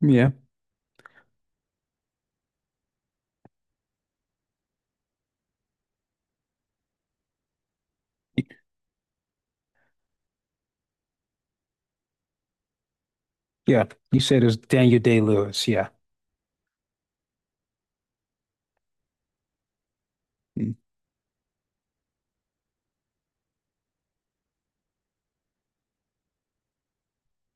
Yeah, yeah. You said it was Daniel Day-Lewis. Yeah. Mm.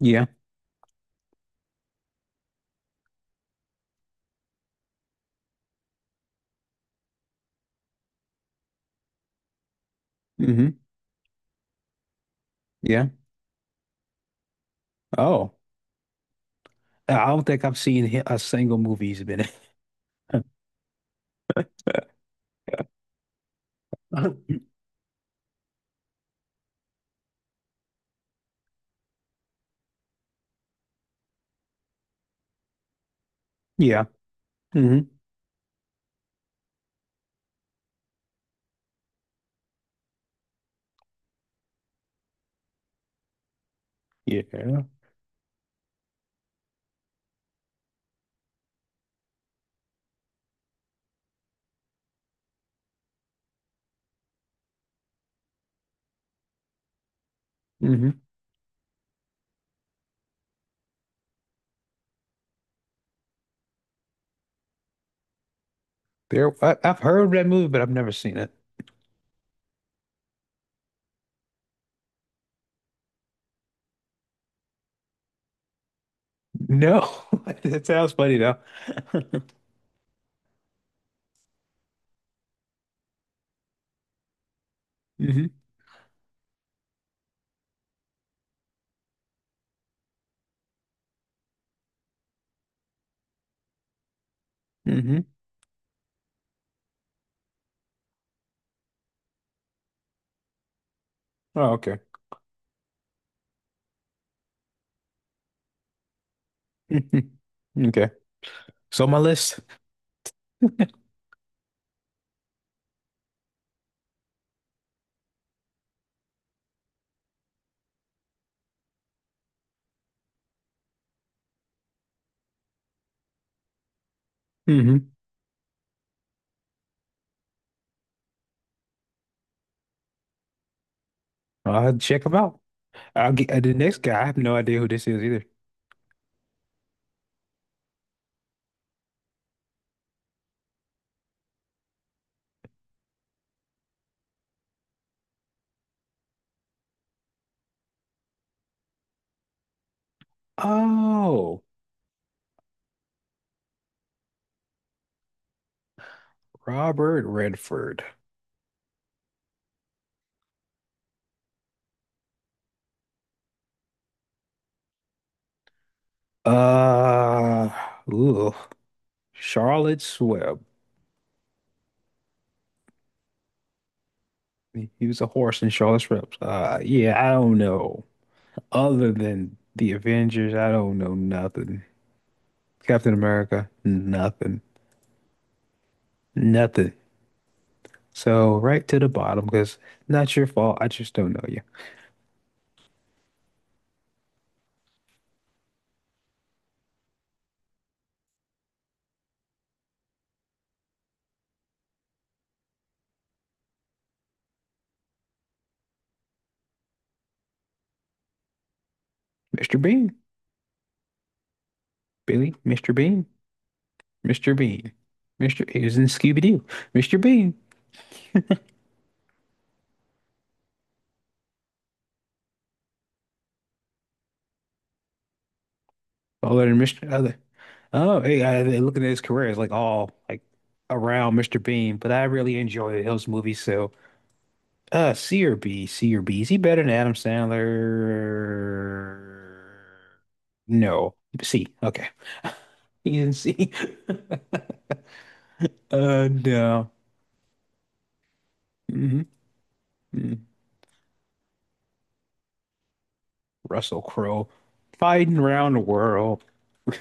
Yeah. Hmm. Yeah. Oh, I don't think I've seen a single movie he's been in. Yeah. Hmm. Yeah. Hmm. There, I've heard that movie, but I've never seen it. No, that sounds funny though. Hmm. Hmm. Oh, okay. Hmm. Okay. So my list. Hmm. I'll check them out. I'll get the next guy. I have no idea who this is either. Oh. Robert Redford. Uh, ooh, Charlotte's Web. He was a horse in Charlotte's Web. Yeah, I don't know. Other than the Avengers, I don't know nothing. Captain America, nothing, nothing. So right to the bottom because not your fault. I just don't know you. Mr. Bean, Billy, Mr. Bean, Mr. Bean, Mr. He was in Scooby-Doo, Mr. Bean. Taller than Mr. Other. Oh, hey, looking at his career, it's like all like around Mr. Bean, but I really enjoy those movies. So, C or B. Is he better than Adam Sandler? No, C. Okay, he's in C. No. Hmm. Russell Crowe fighting around the world.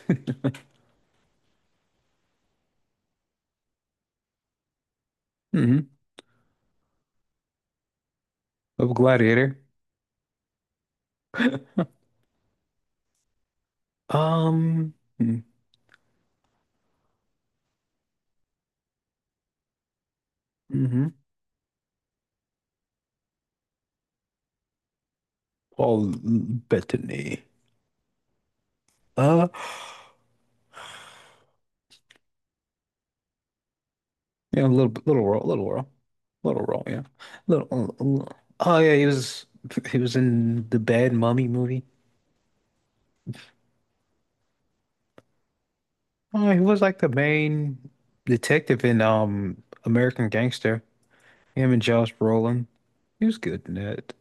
Hmm. Of Gladiator. Um. Mm-hmm. Paul Bettany. Uh, yeah, a little, little role, little role, little role, yeah, little. Oh yeah, he was in the Bad Mummy movie. Oh, he was like the main detective in American Gangster. Him and Josh Brolin. He was good in that.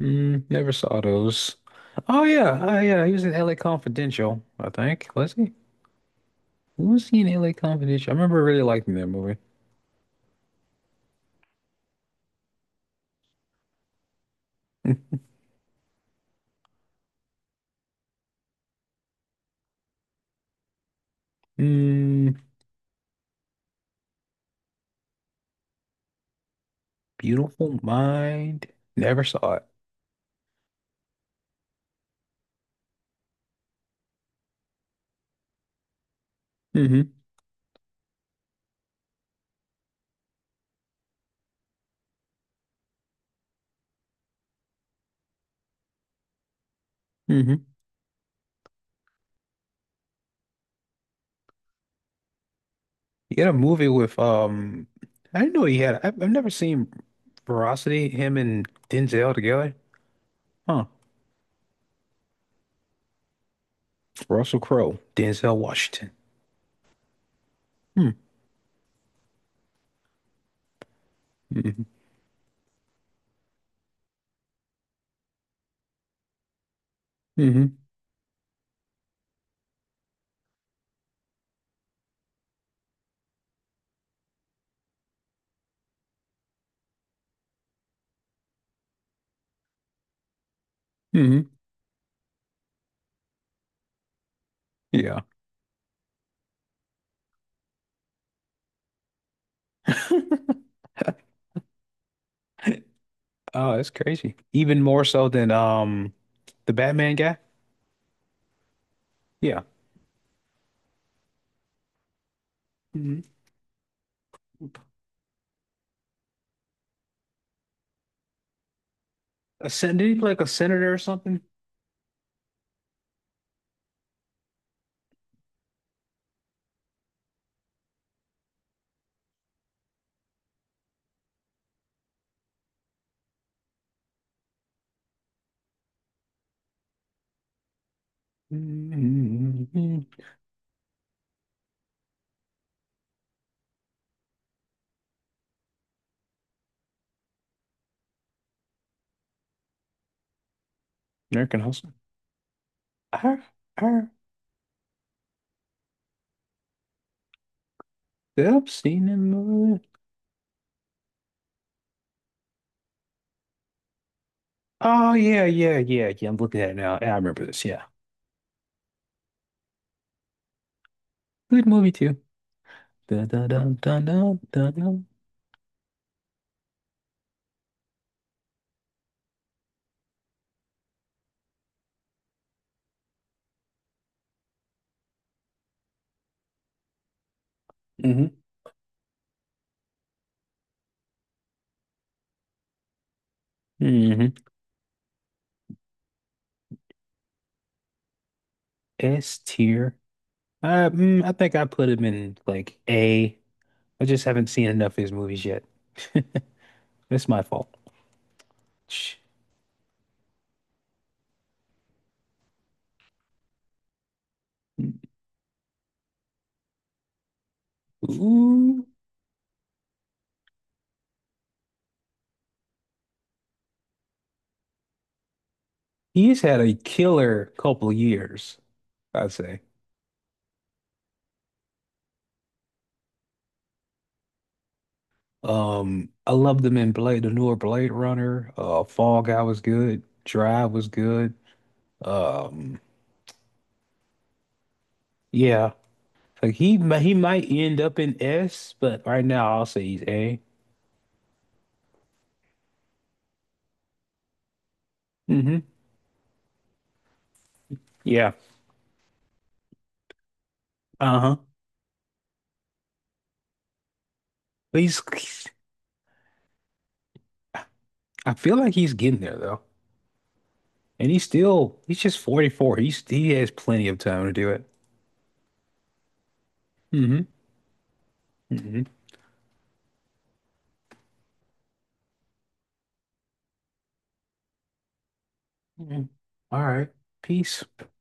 Never saw those. Oh yeah, oh yeah, he was in LA Confidential, I think. Was he? Was he in LA Confidential? I remember really liking that movie. Mm, Beautiful Mind. Never saw it. Hmm. Hmm. He had a movie with I didn't know he had. I've never seen Veracity, him and Denzel together. Huh. Russell Crowe, Denzel Washington. Hmm. Hmm. Hmm. Hmm. Yeah. Oh, that's crazy. Even more so than the Batman guy. Yeah. Hmm. A sen Did he play like a senator or something? Hmm. American Hustle. I, I, I've seen him? Oh yeah, yeah, yeah, yeah. I'm looking at it now. Yeah, I remember this. Yeah, good movie too. Dun, dun, dun, dun, dun, dun, dun. Hmm. Hmm. S tier. I think I put him in like A. I just haven't seen enough of his movies yet. It's my fault. Sh- Ooh, he's had a killer couple years, I'd say. I loved him in Blade, the newer Blade Runner. Fall Guy was good. Drive was good. Um, yeah, like he might end up in S, but right now I'll say he's A. Hmm. Yeah. Uh-huh. But I feel like he's getting there though. And he's just 44. He has plenty of time to do it. Hmm. Hmm. All right. Peace.